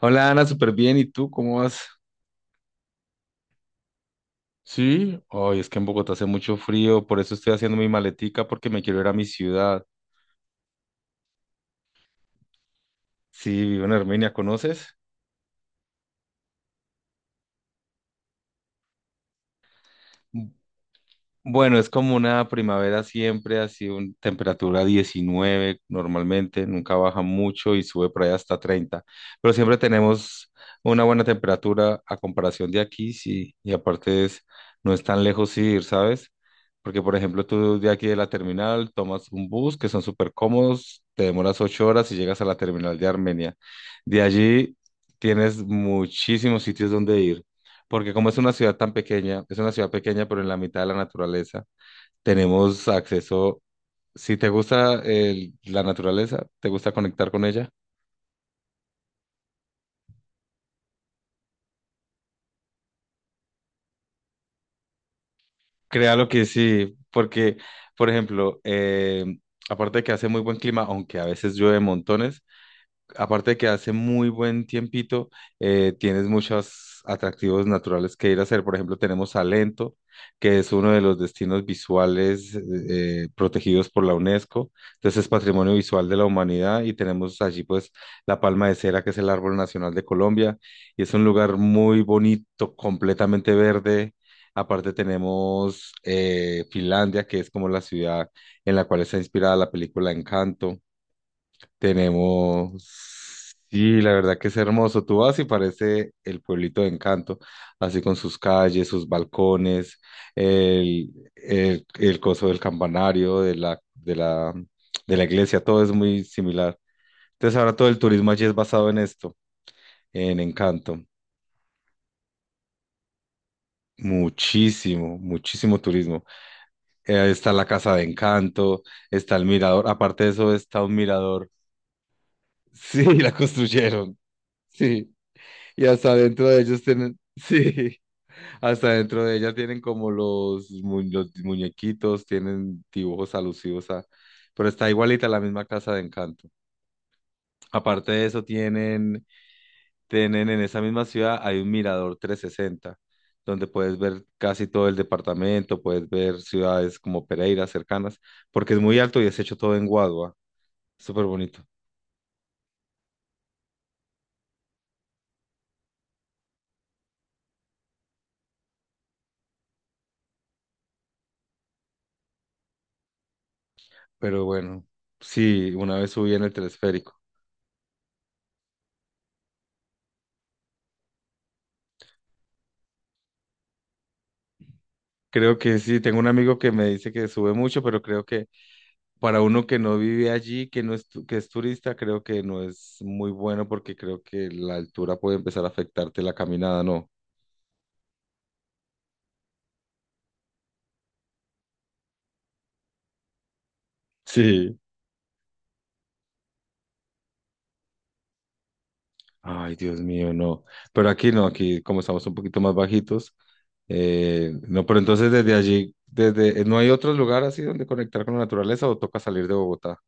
Hola Ana, súper bien. ¿Y tú cómo vas? Sí, hoy es que en Bogotá hace mucho frío, por eso estoy haciendo mi maletica porque me quiero ir a mi ciudad. Sí, vivo en Armenia, ¿conoces? Bueno, es como una primavera siempre, así un temperatura 19 normalmente, nunca baja mucho y sube por ahí hasta 30. Pero siempre tenemos una buena temperatura a comparación de aquí, sí, y aparte es, no es tan lejos ir, ¿sabes? Porque, por ejemplo, tú de aquí de la terminal tomas un bus que son súper cómodos, te demoras 8 horas y llegas a la terminal de Armenia. De allí tienes muchísimos sitios donde ir porque como es una ciudad tan pequeña, es una ciudad pequeña, pero en la mitad de la naturaleza, tenemos acceso, si te gusta la naturaleza, te gusta conectar con ella, créalo que sí, porque, por ejemplo, aparte de que hace muy buen clima, aunque a veces llueve montones, aparte de que hace muy buen tiempito, tienes muchos atractivos naturales que ir a hacer. Por ejemplo, tenemos Salento, que es uno de los destinos visuales protegidos por la UNESCO. Entonces es Patrimonio Visual de la Humanidad y tenemos allí pues la palma de cera, que es el árbol nacional de Colombia. Y es un lugar muy bonito, completamente verde. Aparte tenemos Finlandia, que es como la ciudad en la cual está inspirada la película Encanto. Tenemos, sí, la verdad que es hermoso. Tú vas y parece el pueblito de Encanto, así con sus calles, sus balcones, el coso del campanario, de la iglesia, todo es muy similar. Entonces ahora todo el turismo allí es basado en esto, en Encanto. Muchísimo, muchísimo turismo. Está la casa de Encanto, está el mirador, aparte de eso está un mirador. Sí, la construyeron. Sí. Y hasta dentro de ellos tienen, sí, hasta dentro de ella tienen como los, los muñequitos, tienen dibujos alusivos a, pero está igualita la misma casa de Encanto. Aparte de eso, tienen, tienen en esa misma ciudad hay un mirador 360 donde puedes ver casi todo el departamento, puedes ver ciudades como Pereira cercanas, porque es muy alto y es hecho todo en Guadua, súper bonito. Pero bueno, sí, una vez subí en el telesférico. Creo que sí, tengo un amigo que me dice que sube mucho, pero creo que para uno que no vive allí, que no es, que es turista, creo que no es muy bueno porque creo que la altura puede empezar a afectarte la caminada, ¿no? Sí. Ay, Dios mío, no. Pero aquí no, aquí como estamos un poquito más bajitos, no, pero entonces desde allí, desde, ¿no hay otro lugar así donde conectar con la naturaleza o toca salir de Bogotá?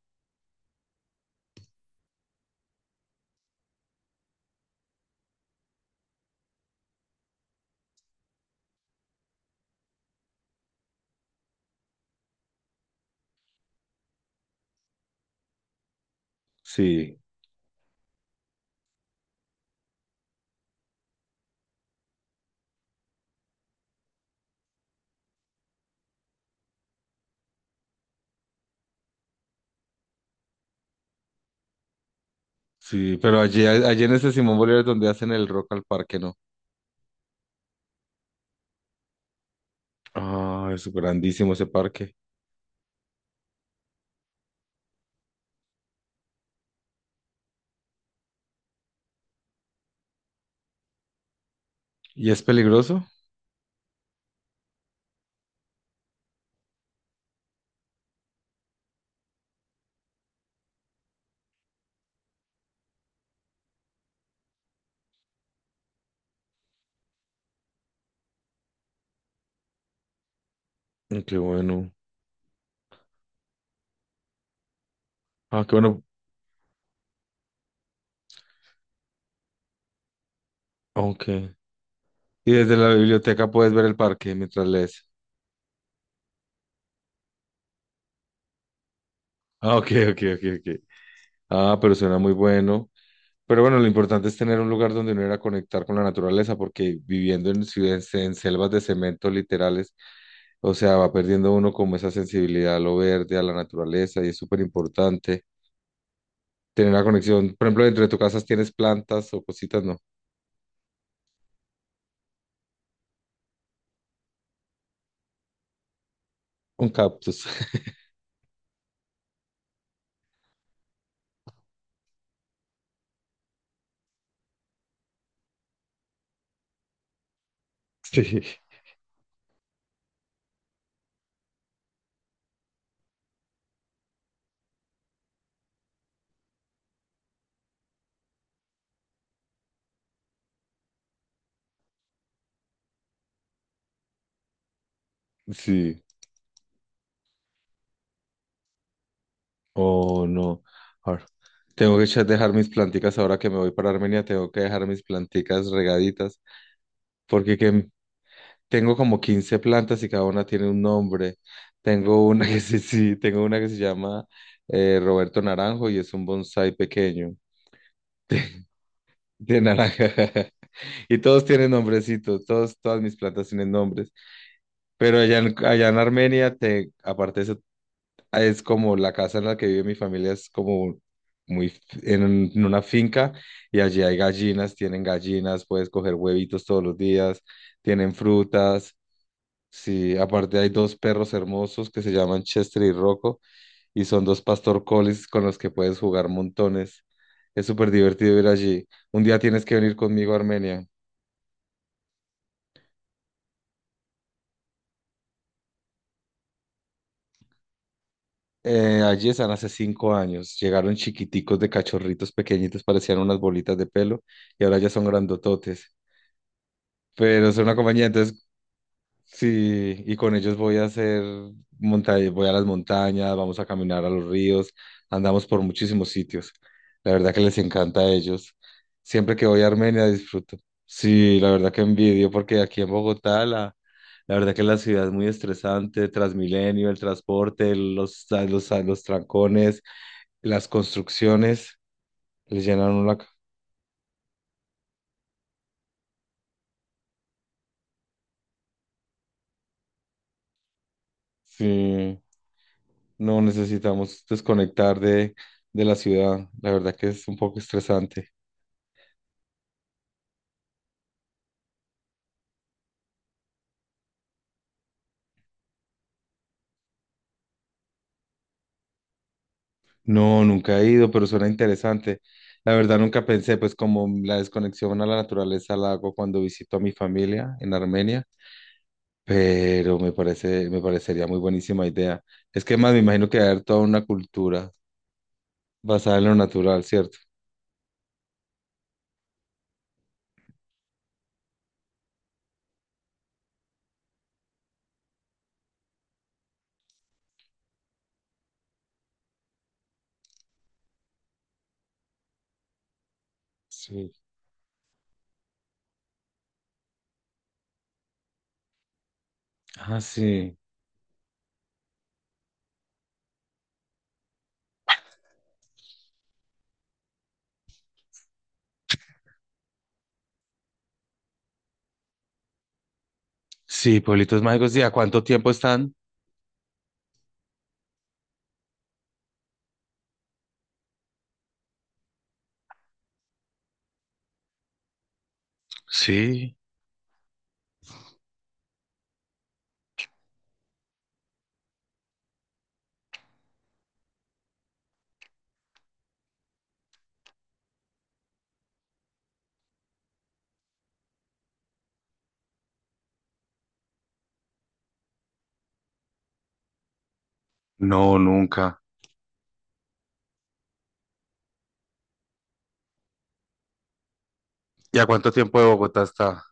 Sí, sí, pero allí, allí en ese Simón Bolívar es donde hacen el Rock al Parque, ¿no? Ah, es grandísimo ese parque. ¿Y es peligroso? Mm, qué bueno. Ah, qué bueno. Aunque. Y desde la biblioteca puedes ver el parque mientras lees. Ah, ok, ok, ok, ok. Ah, pero suena muy bueno. Pero bueno, lo importante es tener un lugar donde uno ir a conectar con la naturaleza, porque viviendo en ciudades, en selvas de cemento literales, o sea, va perdiendo uno como esa sensibilidad a lo verde, a la naturaleza, y es súper importante tener una conexión. Por ejemplo, entre tu casa tienes plantas o cositas, no, un cactus. Sí. Sí. Oh, no. Ahora, tengo que dejar mis planticas ahora que me voy para Armenia, tengo que dejar mis planticas regaditas, porque que tengo como 15 plantas y cada una tiene un nombre. Tengo una sí, tengo una que se llama Roberto Naranjo y es un bonsái pequeño de naranja. Y todos tienen nombrecitos, todos, todas mis plantas tienen nombres. Pero allá en Armenia, te, aparte de eso, es como la casa en la que vive mi familia es como en, en una finca y allí hay gallinas, tienen gallinas, puedes coger huevitos todos los días, tienen frutas. Sí, aparte hay dos perros hermosos que se llaman Chester y Rocco y son dos pastor colis con los que puedes jugar montones. Es súper divertido ir allí. Un día tienes que venir conmigo a Armenia. Allí están hace 5 años. Llegaron chiquiticos de cachorritos pequeñitos, parecían unas bolitas de pelo y ahora ya son grandototes. Pero son una compañía, entonces sí, y con ellos voy a hacer montaña, voy a las montañas, vamos a caminar a los ríos, andamos por muchísimos sitios. La verdad que les encanta a ellos. Siempre que voy a Armenia disfruto. Sí, la verdad que envidio porque aquí en Bogotá la, la verdad que la ciudad es muy estresante, Transmilenio, el transporte, los trancones, las construcciones, les llenan una... ca- Sí. No necesitamos desconectar de la ciudad. La verdad que es un poco estresante. No, nunca he ido, pero suena interesante. La verdad nunca pensé, pues como la desconexión a la naturaleza la hago cuando visito a mi familia en Armenia, pero me parecería muy buenísima idea. Es que más me imagino que va a haber toda una cultura basada en lo natural, ¿cierto? Sí. Ah, sí. Sí, pueblitos mágicos. ¿Y a cuánto tiempo están? Sí, no, nunca. ¿Y a cuánto tiempo de Bogotá está?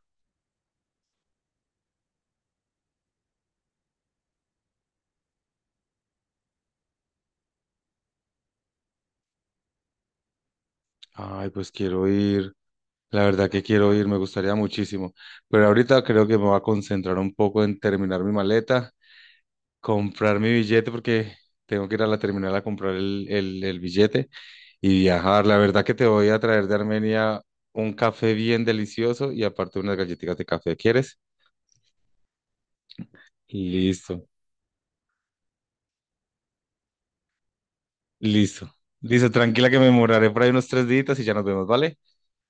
Ay, pues quiero ir. La verdad que quiero ir, me gustaría muchísimo. Pero ahorita creo que me voy a concentrar un poco en terminar mi maleta, comprar mi billete porque tengo que ir a la terminal a comprar el billete y viajar. La verdad que te voy a traer de Armenia un café bien delicioso y aparte unas galletitas de café. ¿Quieres? Listo, listo. Listo, tranquila que me moraré por ahí unos 3 días y ya nos vemos, ¿vale?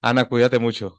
Ana, cuídate mucho.